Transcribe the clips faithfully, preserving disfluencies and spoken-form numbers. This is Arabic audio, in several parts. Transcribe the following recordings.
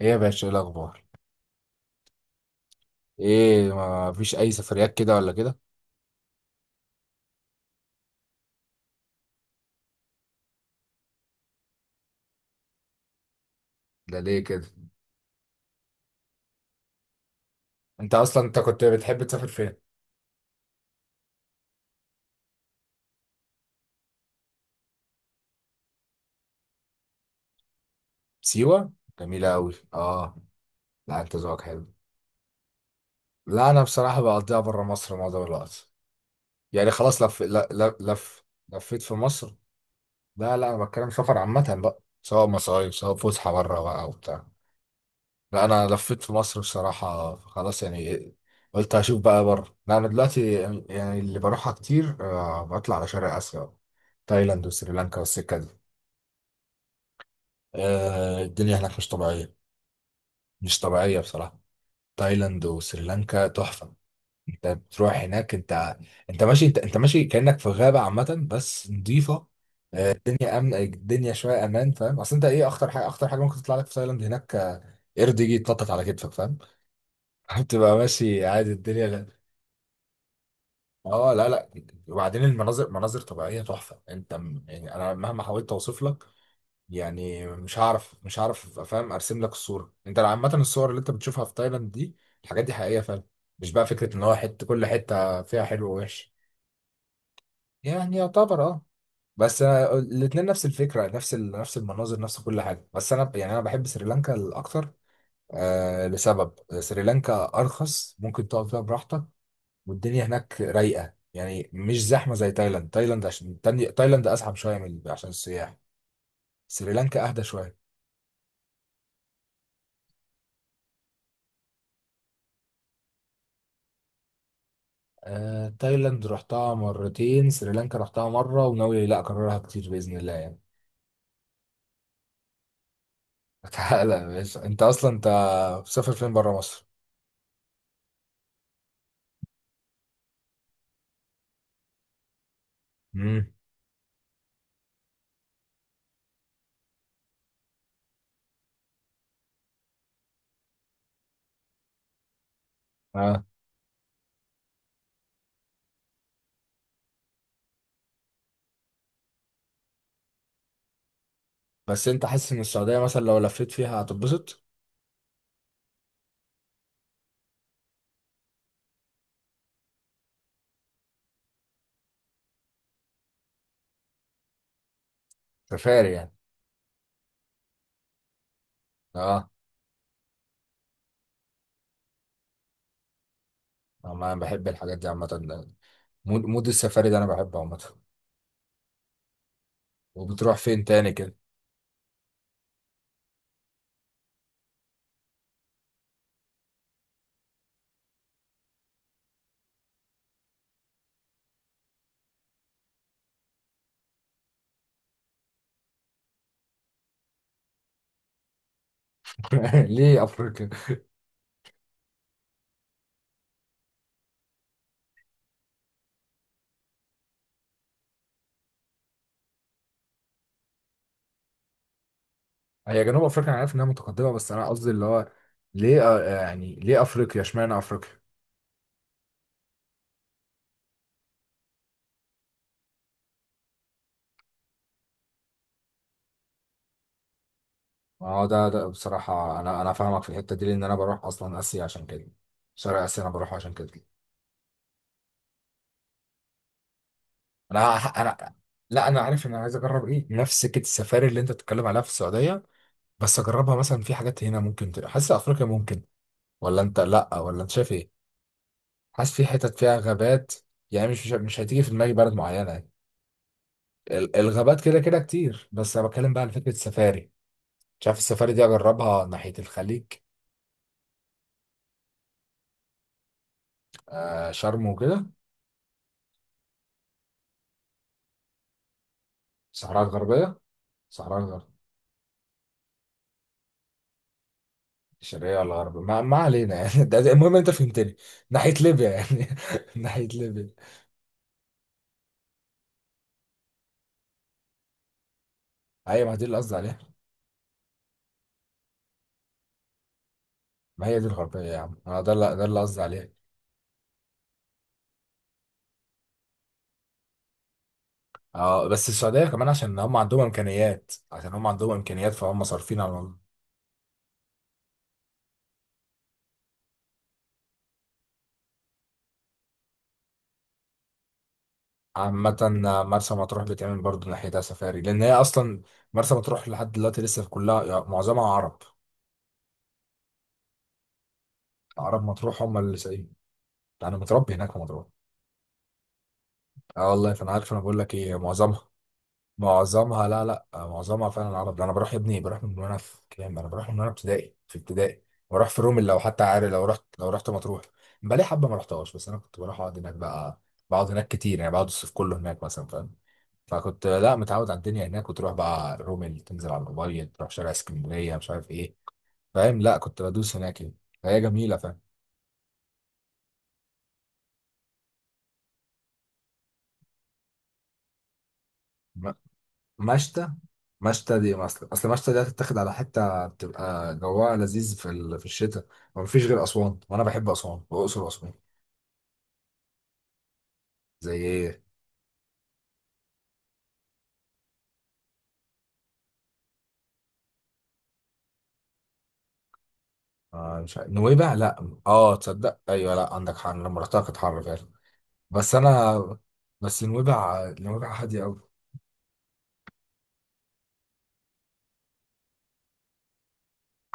ايه يا باشا، ايه الاخبار؟ ايه، ما فيش اي سفريات كده ولا كده؟ ده ليه كده؟ انت اصلا انت كنت بتحب تسافر فين؟ سيوه جميله قوي، اه. لا انت ذوقك حلو. لا انا بصراحه بقضيها بره مصر معظم الوقت. يعني خلاص لف ل- ل- لف. لفيت في مصر. لا لا، انا بتكلم سفر عامه بقى، سواء مصايف سواء فسحه بره بقى وبتاع. لا انا لفيت في مصر بصراحه خلاص يعني. قلت هشوف بقى بره. لا انا دلوقتي يعني اللي بروحها كتير آه، بطلع على شرق اسيا. تايلاند وسريلانكا والسكه دي. آه، الدنيا هناك مش طبيعيه. مش طبيعيه بصراحه. تايلاند وسريلانكا تحفه. انت بتروح هناك انت. انت ماشي انت, انت ماشي كانك في غابه عامه بس نظيفه. الدنيا امن، الدنيا شويه امان، فاهم؟ اصل انت ايه اخطر حاجه؟ اخطر حاجه ممكن تطلع لك في تايلاند هناك آه، قرد يجي يتنطط على كتفك، فاهم؟ بتبقى ماشي عادي الدنيا. اه لا لا. وبعدين المناظر، مناظر طبيعيه تحفه. انت م- يعني انا مهما حاولت اوصف لك يعني مش هعرف، مش هعرف افهم ارسم لك الصوره. انت عامه الصور اللي انت بتشوفها في تايلاند دي، الحاجات دي حقيقيه فعلا. مش بقى فكره ان هو حته، كل حته فيها حلو ووحش. يعني يعتبر اه. بس أنا الاتنين نفس الفكره، نفس ال... نفس المناظر نفس كل حاجه، بس انا ب- يعني انا بحب سريلانكا الاكتر. آه، لسبب. سريلانكا ارخص، ممكن تقعد فيها براحتك. والدنيا هناك رايقه يعني، مش زحمه زي تايلاند. تايلاند عشان تاني- تايلاند ازحم شويه من عشان السياح. سريلانكا اهدى شويه. آه، تايلاند رحتها مرتين، سريلانكا رحتها مره وناوي لا اكررها كتير باذن الله يعني. تعالى يا باشا، انت اصلا انت مسافر فين بره مصر؟ امم. اه بس انت حاسس ان السعوديه مثلا لو لفيت فيها هتتبسط؟ سفاري يعني. اه انا بحب الحاجات دي عامه. مود، مود السفاري ده انا بحبه عامه. وبتروح فين تاني كده؟ ليه افريقيا؟ هي جنوب افريقيا انا عارف انها متقدمه، بس انا قصدي اللي هو ليه آه، يعني ليه افريقيا؟ اشمعنى افريقيا؟ اه ده ده بصراحة أنا أنا فاهمك في الحتة دي، لأن أنا بروح أصلا آسيا عشان كده. شرق آسيا أنا بروح عشان كده. انا ه- انا. لا انا عارف ان انا عايز اجرب ايه، نفس سكه السفاري اللي انت بتتكلم عليها في السعوديه، بس اجربها مثلا في حاجات هنا ممكن ت- حاسس افريقيا ممكن؟ ولا انت لا، ولا انت شايف ايه؟ حاسس في حتت فيها غابات. يعني مش مش مش هتيجي في دماغي بلد معينه يعني. ال- الغابات كده كده كتير، بس انا بتكلم بقى على فكره السفاري. شايف السفاري دي اجربها ناحية الخليج؟ آه، شرم وكده. الصحراء الغربية، الصحراء الغربية. الشرقية ولا الغربية، ما, ما علينا يعني. ده ده المهم انت فهمتني. ناحية ليبيا يعني. ناحية ليبيا. ايوه ما دي اللي قصدي عليها. ما هي دي الغربية يا عم، اه ده اللي، ده اللي قصدي عليه. اه بس السعودية كمان عشان هم عندهم امكانيات، عشان هم عندهم امكانيات، فهم صارفين على الموضوع. عامة آه، مرسى مطروح بتعمل برضه ناحيتها سفاري، لأن هي أصلا مرسى مطروح لحد دلوقتي لسه في كلها يعني معظمها عرب. عرب مطروح هم اللي سايقين. ده انا متربي هناك في مضرات. اه والله، فانا عارف، انا بقول لك ايه، معظمها. معظمها لا لا معظمها فعلا العرب. ده انا بروح يا ابني، بروح من وانا في كام، انا بروح من وانا ابتدائي، في ابتدائي. بروح في رومل لو حتى عارف، لو رحت، لو رحت مطروح. بقالي حبه ما رحتهاش، بس انا كنت بروح اقعد هناك بقى. بقعد هناك كتير يعني، بقعد الصيف كله هناك مثلا، فاهم؟ فكنت لا متعود على الدنيا هناك، وتروح بقى رومل، تنزل على الابيض، تروح شارع اسكندريه، مش عارف ايه، فاهم؟ لا كنت بدوس هناك يعني. فهي جميله، فاهم؟ مشتى. مشتى دي اصل، اصل مشتى دي هتتاخد على حته بتبقى جواها لذيذ في ال... في الشتاء. ومفيش غير اسوان، وانا بحب اسوان واقصر واسوان. زي ايه؟ آه مش عارف. نويبع، لا اه تصدق، ايوه لا عندك حق، أنا لما رحتها كانت حر فعلا. بس انا. بس نويبع، نويبع هاديه قوي.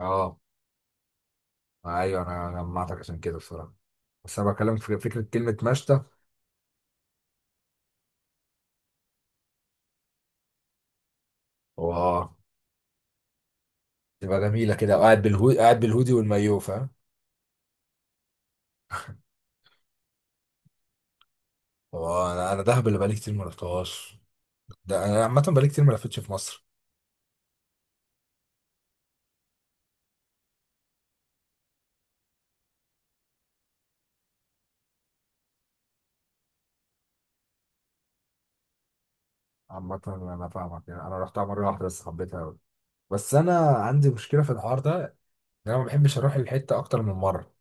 اه ايوه، انا جمعتك عشان كده بصراحه. بس انا بكلمك في فكره كلمه مشتى. واه، تبقى جميله كده، وقاعد بالهودي، قاعد بالهودي والمايوه، فاهم؟ واه، انا انا دهب اللي بقالي كتير ما رحتهاش. ده انا عامه بقالي كتير ما لفتش في مصر. عامة أنا فاهمك يعني، أنا رحتها مرة واحدة بس حبيتها أوي. بس أنا عندي مشكلة في الحوار ده، إن أنا ما بحبش أروح الحتة أكتر من مرة.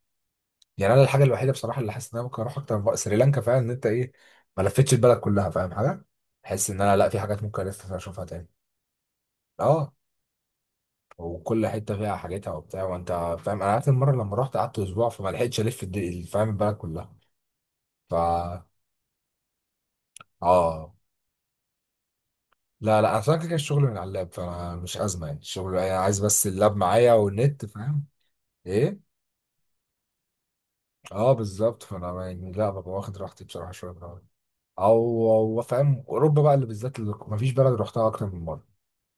يعني أنا الحاجة الوحيدة بصراحة اللي حاسس إن أنا ممكن أروح أكتر من مرة سريلانكا فعلا، إن أنت إيه، ما لفتش البلد كلها، فاهم حاجة؟ بحس إن أنا لأ، في حاجات ممكن لسه أشوفها تاني. أه، وكل حتة فيها حاجتها وبتاع، وأنت فاهم. أنا آخر مرة لما رحت قعدت أسبوع، فما لحقتش ألف الد- فاهم البلد كلها. فا أه. لا لا انا فاكر كده الشغل من على اللاب، فانا مش ازمه يعني الشغل، انا عايز بس اللاب معايا والنت، فاهم؟ ايه. اه بالظبط، فانا يعني لا، ببقى واخد راحتي بصراحه شويه بالعربي. او او فاهم، اوروبا بقى اللي بالذات اللي مفيش بلد رحتها اكتر من مره.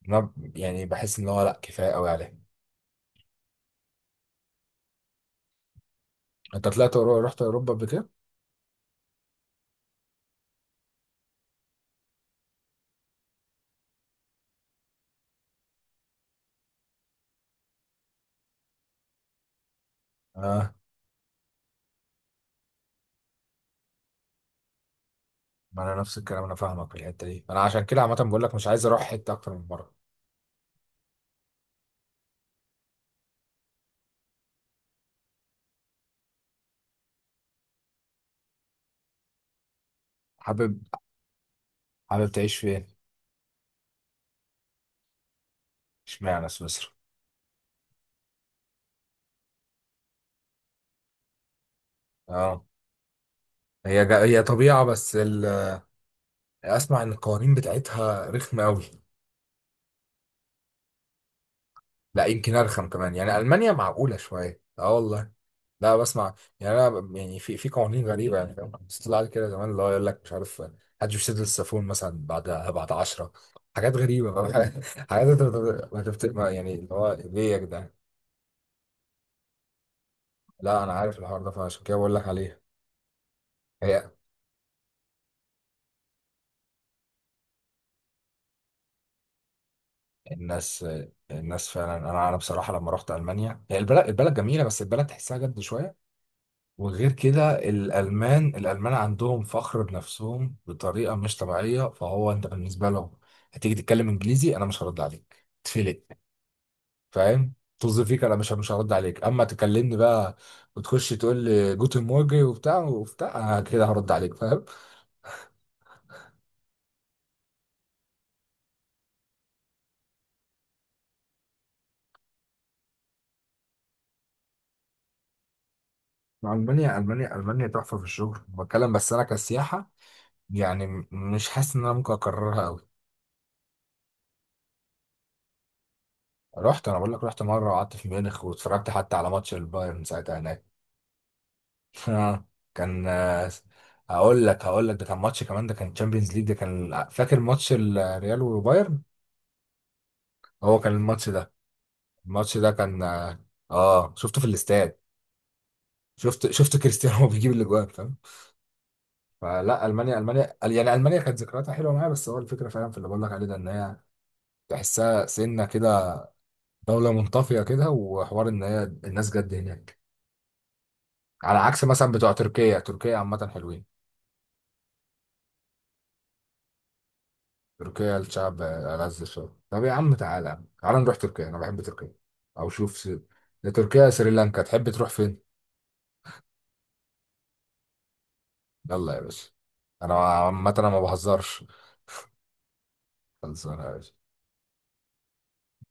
انا يعني بحس ان هو لا كفايه قوي عليها. انت طلعت أورو... رحت اوروبا قبل كده؟ اه. ما انا نفس الكلام، انا فاهمك في الحته دي، انا عشان كده عامه بقول لك مش عايز اروح حته اكتر من مره. حابب، حابب تعيش فين؟ اشمعنى سويسرا؟ اه. هي جا... هي طبيعه بس اسمع ان القوانين بتاعتها رخمه قوي. لا يمكن ارخم كمان، يعني المانيا معقوله شويه، اه والله. لا بسمع. يعني انا ب- يعني في في قوانين غريبه يعني، فاهم؟ بس طلع لي كده زمان اللي هو يقول لك مش عارف محدش بيسد السافون مثلا بعد بعد عشرة. حاجات غريبه بقى. حاجات. حاجات انت بت- ما تفت- ما يعني اللي هو ليه يا جدعان؟ لا انا عارف الحوار ده، فعشان كده بقول لك عليها. هي الناس. الناس فعلا انا، انا بصراحه لما رحت المانيا، هي البلد، البلد جميله بس البلد تحسها جد شويه. وغير كده الألمان، الألمان عندهم فخر بنفسهم بطريقة مش طبيعية، فهو أنت بالنسبة لهم هتيجي تتكلم إنجليزي أنا مش هرد عليك، تفلق، فاهم؟ طز فيك أنا مش مش هرد عليك أما تكلمني بقى وتخش تقول لي جوتن مورجن وبتاع وبتاع، أنا كده هرد عليك، فاهم؟ ألمانيا، ألمانيا، ألمانيا تحفة في الشغل بتكلم، بس أنا كسياحة يعني م- مش حاسس إن أنا ممكن أكررها أوي. رحت، أنا بقول لك رحت مرة وقعدت في ميونخ واتفرجت حتى على ماتش البايرن ساعتها هناك. اه كان آه، هقول لك، هقول لك ده كان ماتش كمان، ده كان تشامبيونز ليج، ده كان آه، فاكر ماتش الريال وبايرن؟ هو كان الماتش ده. الماتش ده كان اه. آه، شفته في الاستاد. شفت شفت كريستيانو وهو بيجيب الاجوان، فاهم؟ فلا المانيا، المانيا يعني، المانيا كانت ذكرياتها حلوه معايا، بس هو الفكره فعلا في اللي بقول لك عليه ده ان هي تحسها سنه كده، دوله منطفيه كده، وحوار ان هي الناس جد هناك. على عكس مثلا بتوع تركيا، تركيا عامه حلوين. تركيا الشعب ألذ شوية. طب يا عم تعالى، تعالى نروح تركيا، أنا بحب تركيا. أو شوف س... يا تركيا يا سريلانكا، تحب تروح فين؟ يلا يا باشا. أنا عامة أنا ما بهزرش. خلصانة يا باشا.